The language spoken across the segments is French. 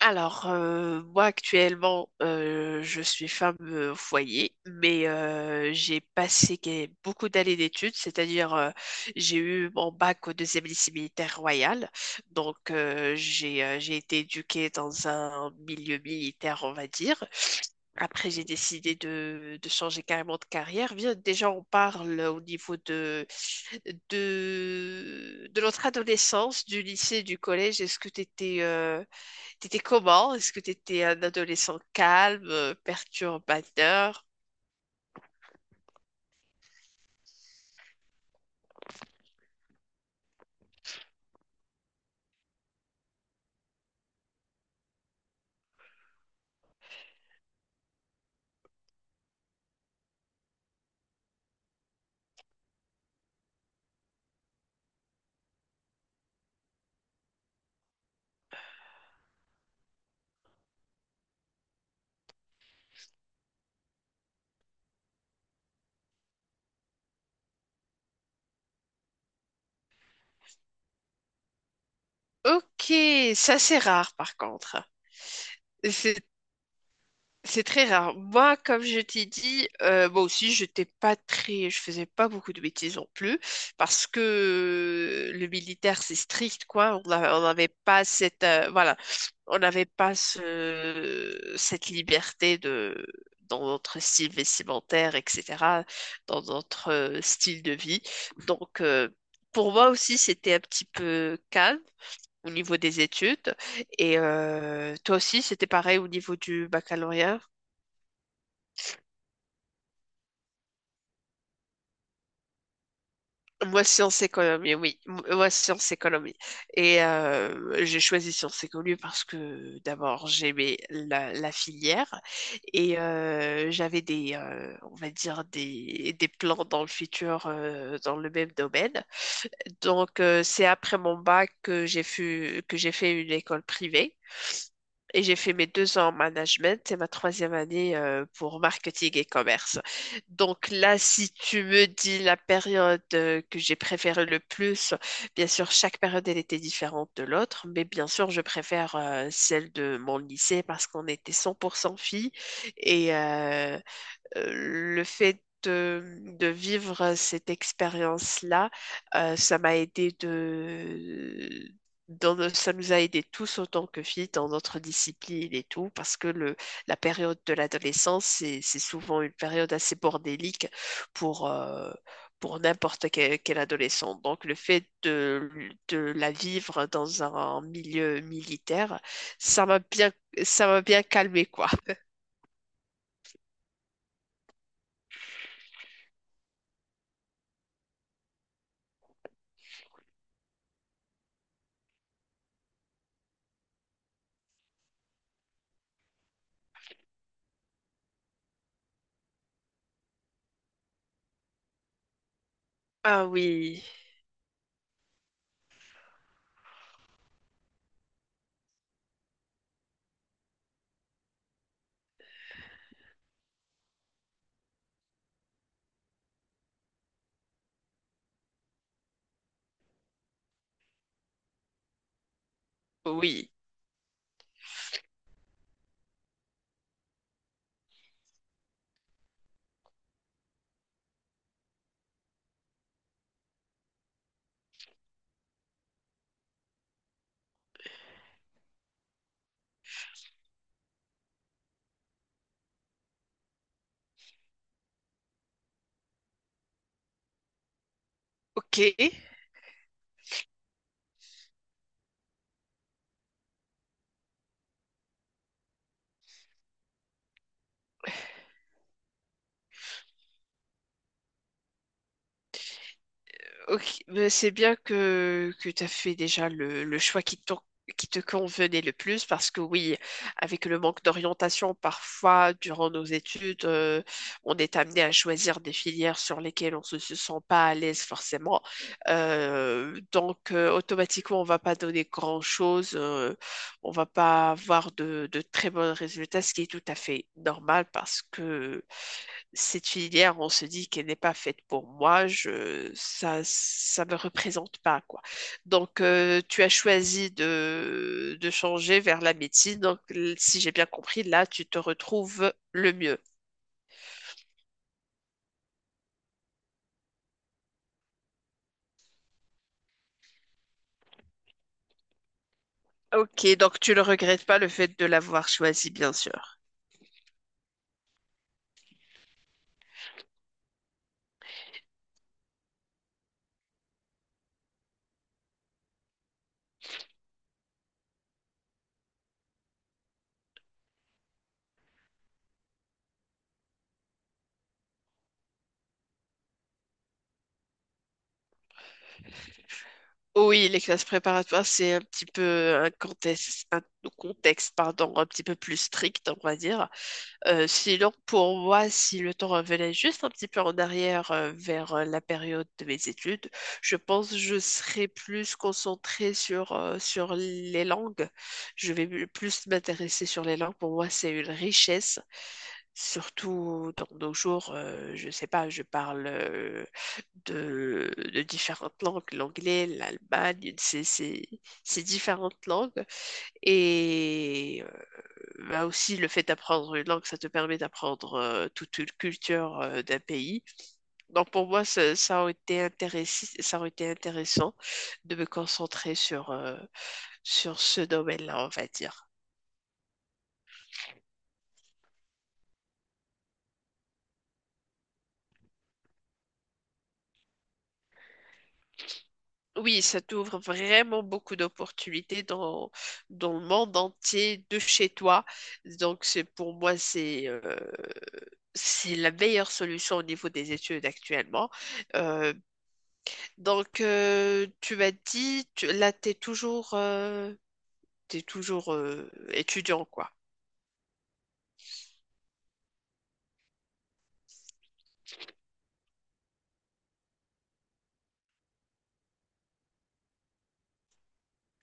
Moi actuellement, je suis femme au foyer, mais j'ai passé beaucoup d'années d'études, c'est-à-dire, j'ai eu mon bac au deuxième lycée militaire royal, donc j'ai été éduquée dans un milieu militaire, on va dire. Après, j'ai décidé de changer carrément de carrière. Bien, déjà, on parle au niveau de notre adolescence, du lycée, du collège. Est-ce que tu étais T'étais comment? Est-ce que t'étais un adolescent calme, perturbateur? Ok, ça c'est rare par contre. C'est très rare. Moi, comme je t'ai dit, moi aussi, j'étais pas très, je faisais pas beaucoup de bêtises non plus, parce que le militaire, c'est strict, quoi. On n'avait pas cette, voilà, on n'avait pas cette liberté de, dans notre style vestimentaire, etc., dans notre style de vie. Donc, pour moi aussi, c'était un petit peu calme au niveau des études. Et toi aussi, c'était pareil au niveau du baccalauréat? Moi, sciences économie, oui. Moi, sciences économie. Et j'ai choisi sciences économie parce que d'abord, j'aimais la filière et j'avais on va dire, des plans dans le futur dans le même domaine. Donc, c'est après mon bac que j'ai fait une école privée. Et j'ai fait mes deux ans en management et ma troisième année pour marketing et commerce. Donc là, si tu me dis la période que j'ai préférée le plus, bien sûr, chaque période, elle était différente de l'autre, mais bien sûr, je préfère celle de mon lycée parce qu'on était 100% filles et le fait de vivre cette expérience-là, ça m'a aidé de... ça nous a aidés tous autant que filles dans notre discipline et tout, parce que la période de l'adolescence, c'est souvent une période assez bordélique pour, euh, pour n'importe quel adolescent. Donc le fait de la vivre dans un milieu militaire, ça m'a bien, ça m'a bien calmé, quoi. Ah oui, oui. Ok, ok, mais c'est bien que tu as fait déjà le choix qui te convenait le plus parce que oui, avec le manque d'orientation, parfois, durant nos études, on est amené à choisir des filières sur lesquelles se sent pas à l'aise forcément. Donc, automatiquement, on va pas donner grand-chose, on va pas avoir de très bons résultats, ce qui est tout à fait normal parce que cette filière, on se dit qu'elle n'est pas faite pour moi, ça me représente pas, quoi. Donc, tu as choisi de changer vers la médecine. Donc, si j'ai bien compris, là, tu te retrouves le mieux. Ok, donc tu ne regrettes pas le fait de l'avoir choisi, bien sûr. Oui, les classes préparatoires, c'est un petit peu un contexte, pardon, un petit peu plus strict, on va dire. Sinon, pour moi, si le temps revenait juste un petit peu en arrière vers la période de mes études, je pense que je serais plus concentrée sur, sur les langues. Plus m'intéresser sur les langues. Pour moi, c'est une richesse, surtout dans nos jours. Je ne sais pas, je parle de différentes langues, l'anglais, l'Allemagne, c'est différentes langues. Et bah aussi, le fait d'apprendre une langue, ça te permet d'apprendre toute une culture d'un pays. Donc pour moi, ça aurait été intéressant, ça aurait été intéressant de me concentrer sur, sur ce domaine-là, on va dire. Oui, ça t'ouvre vraiment beaucoup d'opportunités dans, dans le monde entier, de chez toi. Donc c'est pour moi, c'est la meilleure solution au niveau des études actuellement. Euh, Donc, tu m'as dit, t'es toujours, étudiant, quoi.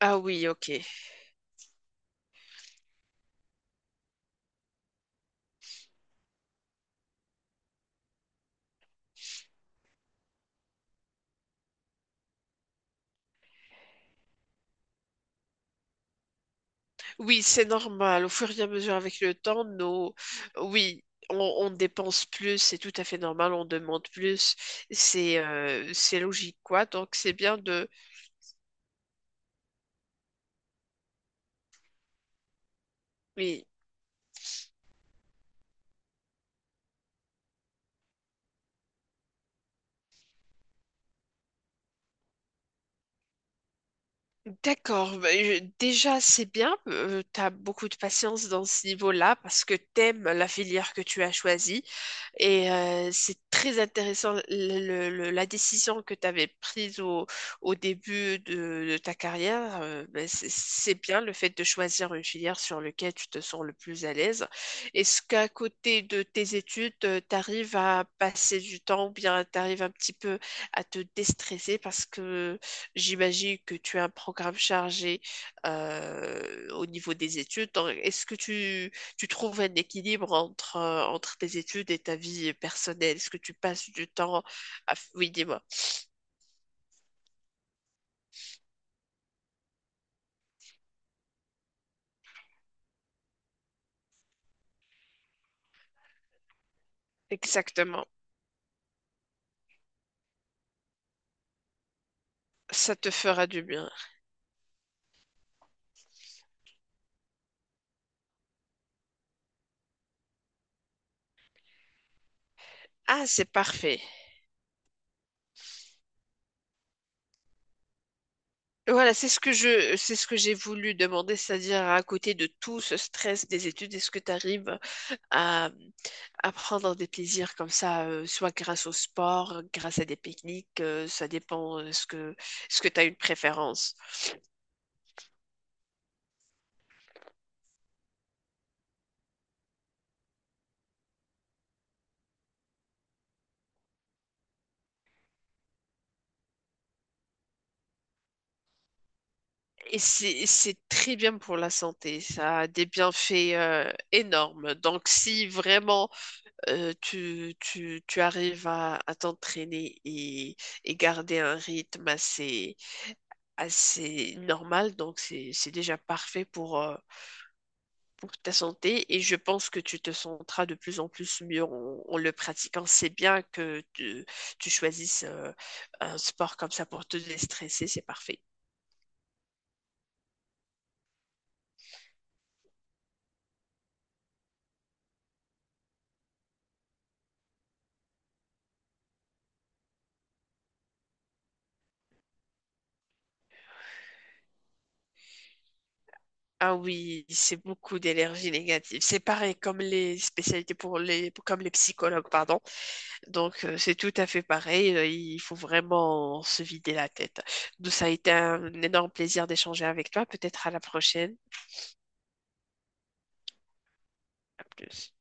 Ah oui, ok. Oui, c'est normal. Au fur et à mesure avec le temps, nos... oui, on dépense plus, c'est tout à fait normal, on demande plus, c'est logique, quoi. Donc, c'est bien de... Oui, d'accord, bah, déjà c'est bien, tu as beaucoup de patience dans ce niveau-là parce que t'aimes la filière que tu as choisie et c'est très intéressant la décision que tu avais prise au début de ta carrière. Bah, c'est bien le fait de choisir une filière sur laquelle tu te sens le plus à l'aise. Est-ce qu'à côté de tes études, tu arrives à passer du temps ou bien tu arrives un petit peu à te déstresser parce que j'imagine que tu as un programme chargé au niveau des études. Donc, est-ce que tu trouves un équilibre entre, entre tes études et ta vie personnelle? Est-ce que tu passes du temps à... Oui, dis-moi. Exactement. Ça te fera du bien. Ah, c'est parfait. Voilà, c'est ce que j'ai voulu demander, c'est-à-dire à côté de tout ce stress des études, est-ce que tu arrives à, à prendre des plaisirs comme ça, soit grâce au sport, grâce à des pique-niques, ça dépend ce que tu as une préférence. Et c'est très bien pour la santé, ça a des bienfaits énormes. Donc si vraiment tu arrives à t'entraîner et garder un rythme assez normal, donc c'est déjà parfait pour ta santé et je pense que tu te sentiras de plus en plus mieux en, en le pratiquant. C'est bien que tu choisisses un sport comme ça pour te déstresser, c'est parfait. Ah oui, c'est beaucoup d'énergie négative. C'est pareil comme les spécialités pour les comme les psychologues, pardon. Donc, c'est tout à fait pareil. Il faut vraiment se vider la tête. Donc ça a été un énorme plaisir d'échanger avec toi. Peut-être à la prochaine. À plus.